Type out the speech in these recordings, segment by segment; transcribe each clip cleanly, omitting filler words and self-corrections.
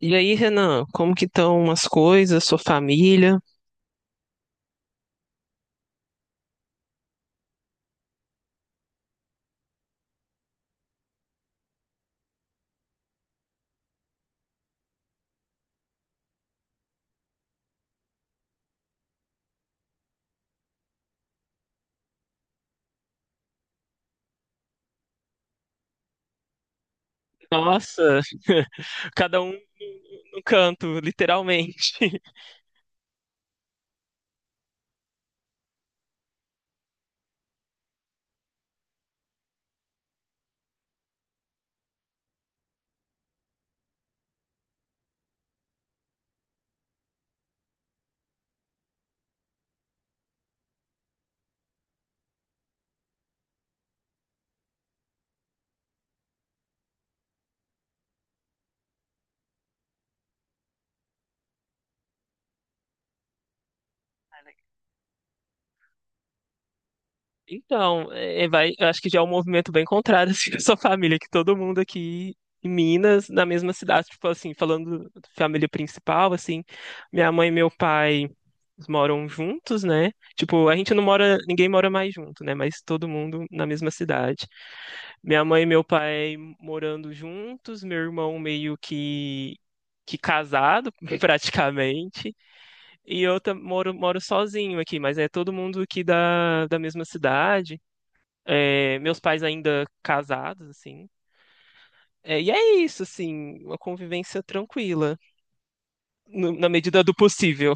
E aí, Renan, como que estão as coisas, sua família? Nossa, cada um no canto, literalmente. Então, vai, eu acho que já é um movimento bem contrário assim, da sua família, que todo mundo aqui em Minas, na mesma cidade, tipo assim, falando da família principal, assim, minha mãe e meu pai eles moram juntos, né? Tipo, a gente não mora, ninguém mora mais junto, né? Mas todo mundo na mesma cidade. Minha mãe e meu pai morando juntos, meu irmão meio que casado, praticamente, e moro sozinho aqui, mas é todo mundo aqui da mesma cidade. É, meus pais ainda casados, assim. É, e é isso, assim, uma convivência tranquila, na medida do possível.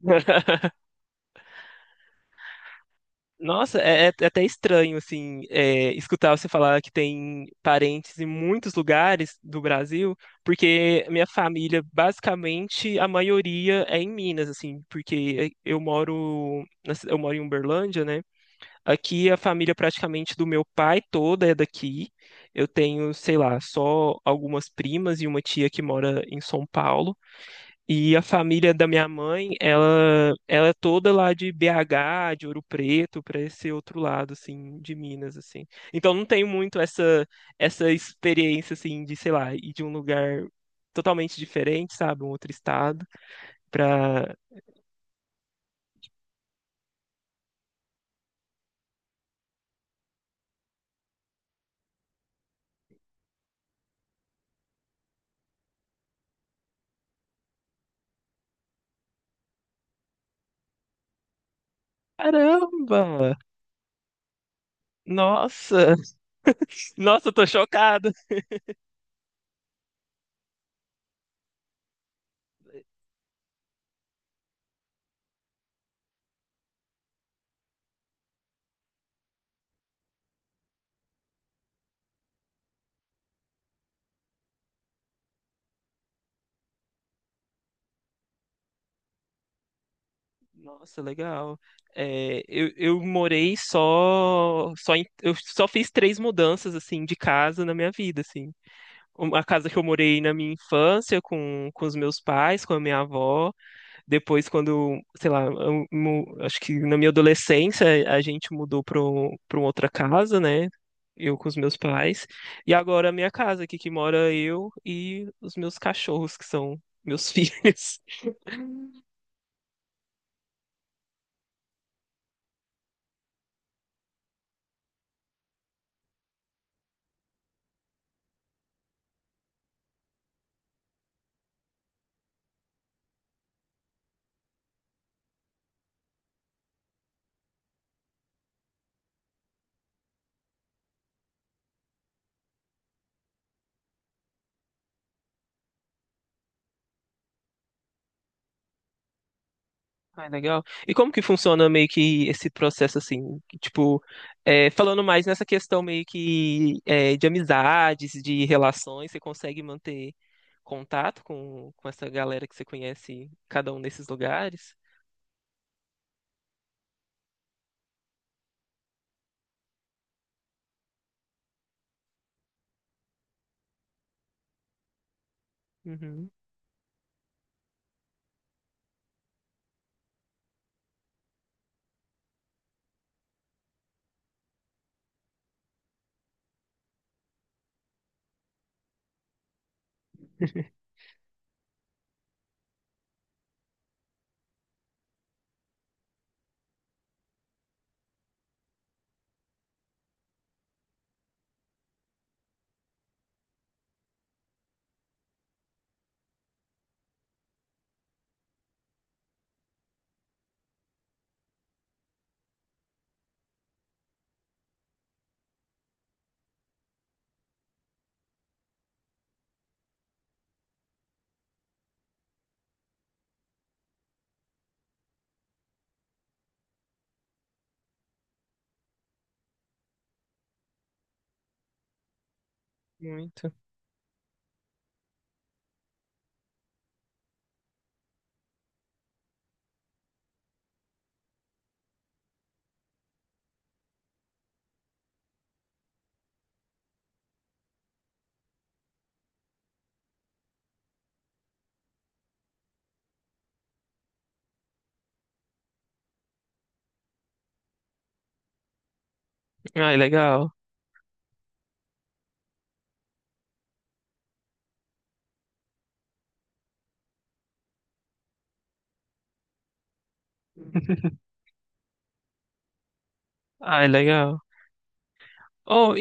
Nossa, é até estranho, assim, é, escutar você falar que tem parentes em muitos lugares do Brasil, porque minha família, basicamente, a maioria é em Minas, assim, porque eu moro, eu moro em Uberlândia, né? Aqui a família praticamente do meu pai toda é daqui. Eu tenho, sei lá, só algumas primas e uma tia que mora em São Paulo. E a família da minha mãe, ela é toda lá de BH, de Ouro Preto, para esse outro lado, assim, de Minas, assim. Então não tenho muito essa experiência, assim, de, sei lá, ir de um lugar totalmente diferente, sabe, um outro estado, pra... Caramba! Nossa! Nossa, eu tô chocada! Nossa, legal. É, eu morei eu só fiz três mudanças, assim, de casa na minha vida, assim. Uma casa que eu morei na minha infância com os meus pais, com a minha avó. Depois, quando, sei lá, acho que na minha adolescência a gente mudou para outra casa, né? Eu com os meus pais. E agora a minha casa aqui que mora eu e os meus cachorros, que são meus filhos. Ah, legal. E como que funciona meio que esse processo assim, que, tipo, é, falando mais nessa questão meio que é, de amizades, de relações, você consegue manter contato com essa galera que você conhece, cada um desses lugares? Uhum. Muito. Ai, legal. Ai, legal. Oh,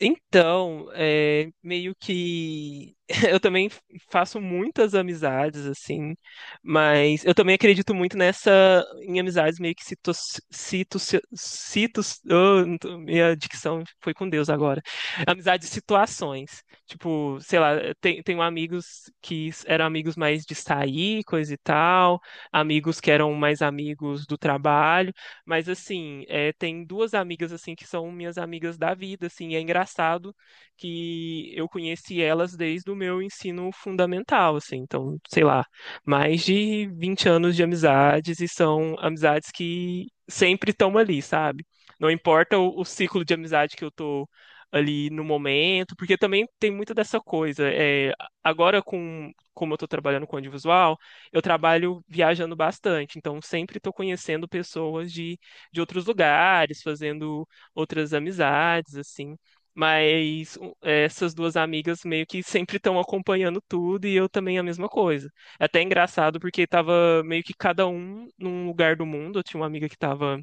então, é, meio que eu também faço muitas amizades, assim, mas eu também acredito muito em amizades meio que cito, cito, cito, oh, não tô- minha dicção foi com Deus agora. Amizades de situações. Tipo, sei lá, tenho amigos que eram amigos mais de sair, coisa e tal, amigos que eram mais amigos do trabalho. Mas assim, é, tem duas amigas assim que são minhas amigas da vida, assim, e é engraçado que eu conheci elas desde o meu ensino fundamental, assim, então, sei lá, mais de 20 anos de amizades e são amizades que sempre estão ali, sabe? Não importa o ciclo de amizade que eu tô ali no momento, porque também tem muita dessa coisa. É, agora, como eu estou trabalhando com audiovisual, eu trabalho viajando bastante, então sempre estou conhecendo pessoas de outros lugares, fazendo outras amizades, assim. Mas um, essas duas amigas meio que sempre estão acompanhando tudo e eu também a mesma coisa. É até engraçado porque tava meio que cada um num lugar do mundo. Eu tinha uma amiga que tava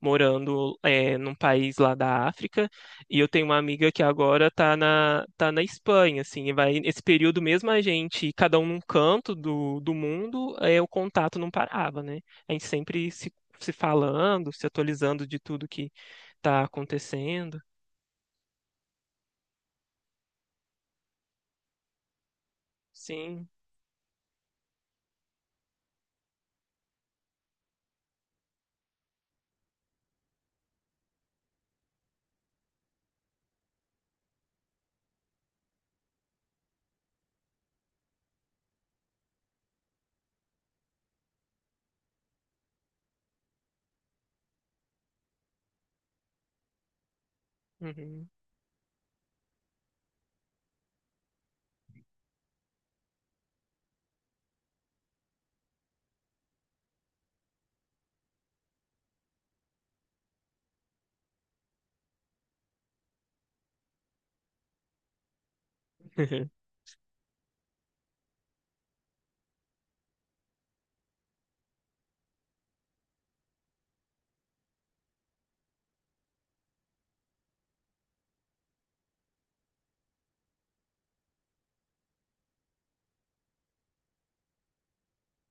morando é, num país lá da África, e eu tenho uma amiga que agora tá na Espanha, assim, e vai nesse período mesmo a gente, cada um num canto do mundo, é, o contato não parava, né? A gente sempre se falando, se atualizando de tudo que tá acontecendo. Sim. Uhum.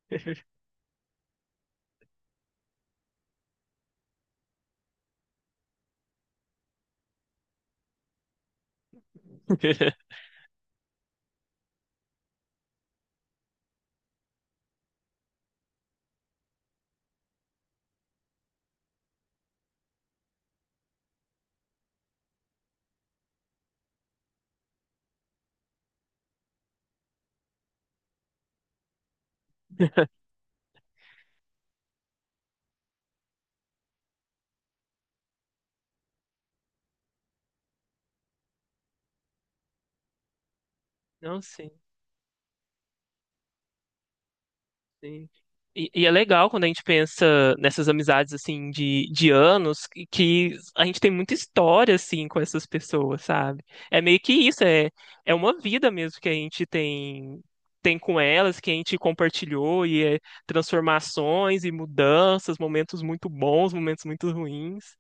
Não, sim. Sim. E é legal quando a gente pensa nessas amizades assim de anos que a gente tem muita história assim com essas pessoas, sabe? É meio que isso, é, é uma vida mesmo que a gente tem com elas, que a gente compartilhou e é transformações e mudanças, momentos muito bons, momentos muito ruins.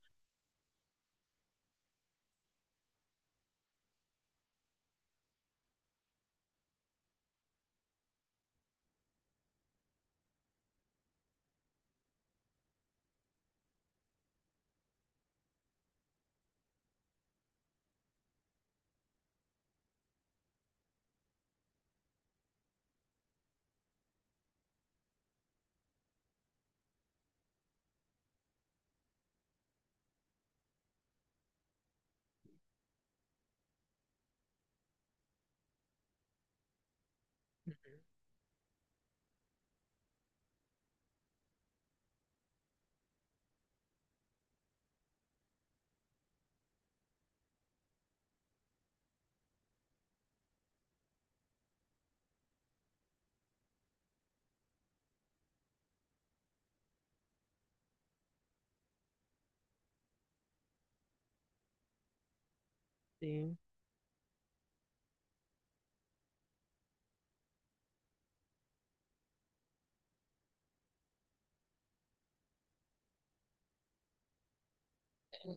Sim.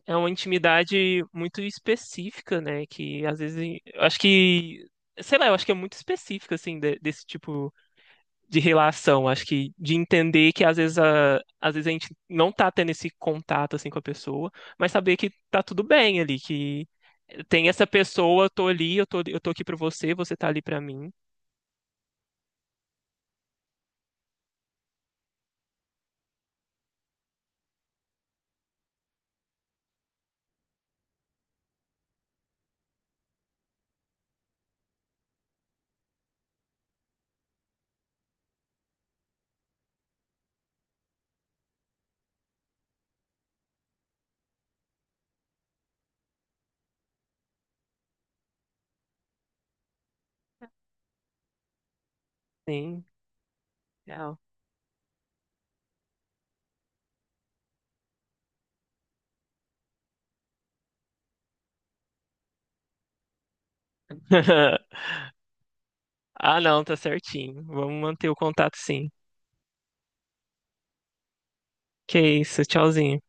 É uma intimidade muito específica, né? Que às vezes eu acho que, sei lá, eu acho que é muito específica assim desse tipo de relação, acho que de entender que às vezes a gente não tá tendo esse contato assim com a pessoa, mas saber que tá tudo bem ali, que tem essa pessoa, eu tô ali, eu tô aqui pra você, você tá ali pra mim. Sim, legal. Ah, não, tá certinho. Vamos manter o contato sim. Que isso, tchauzinho.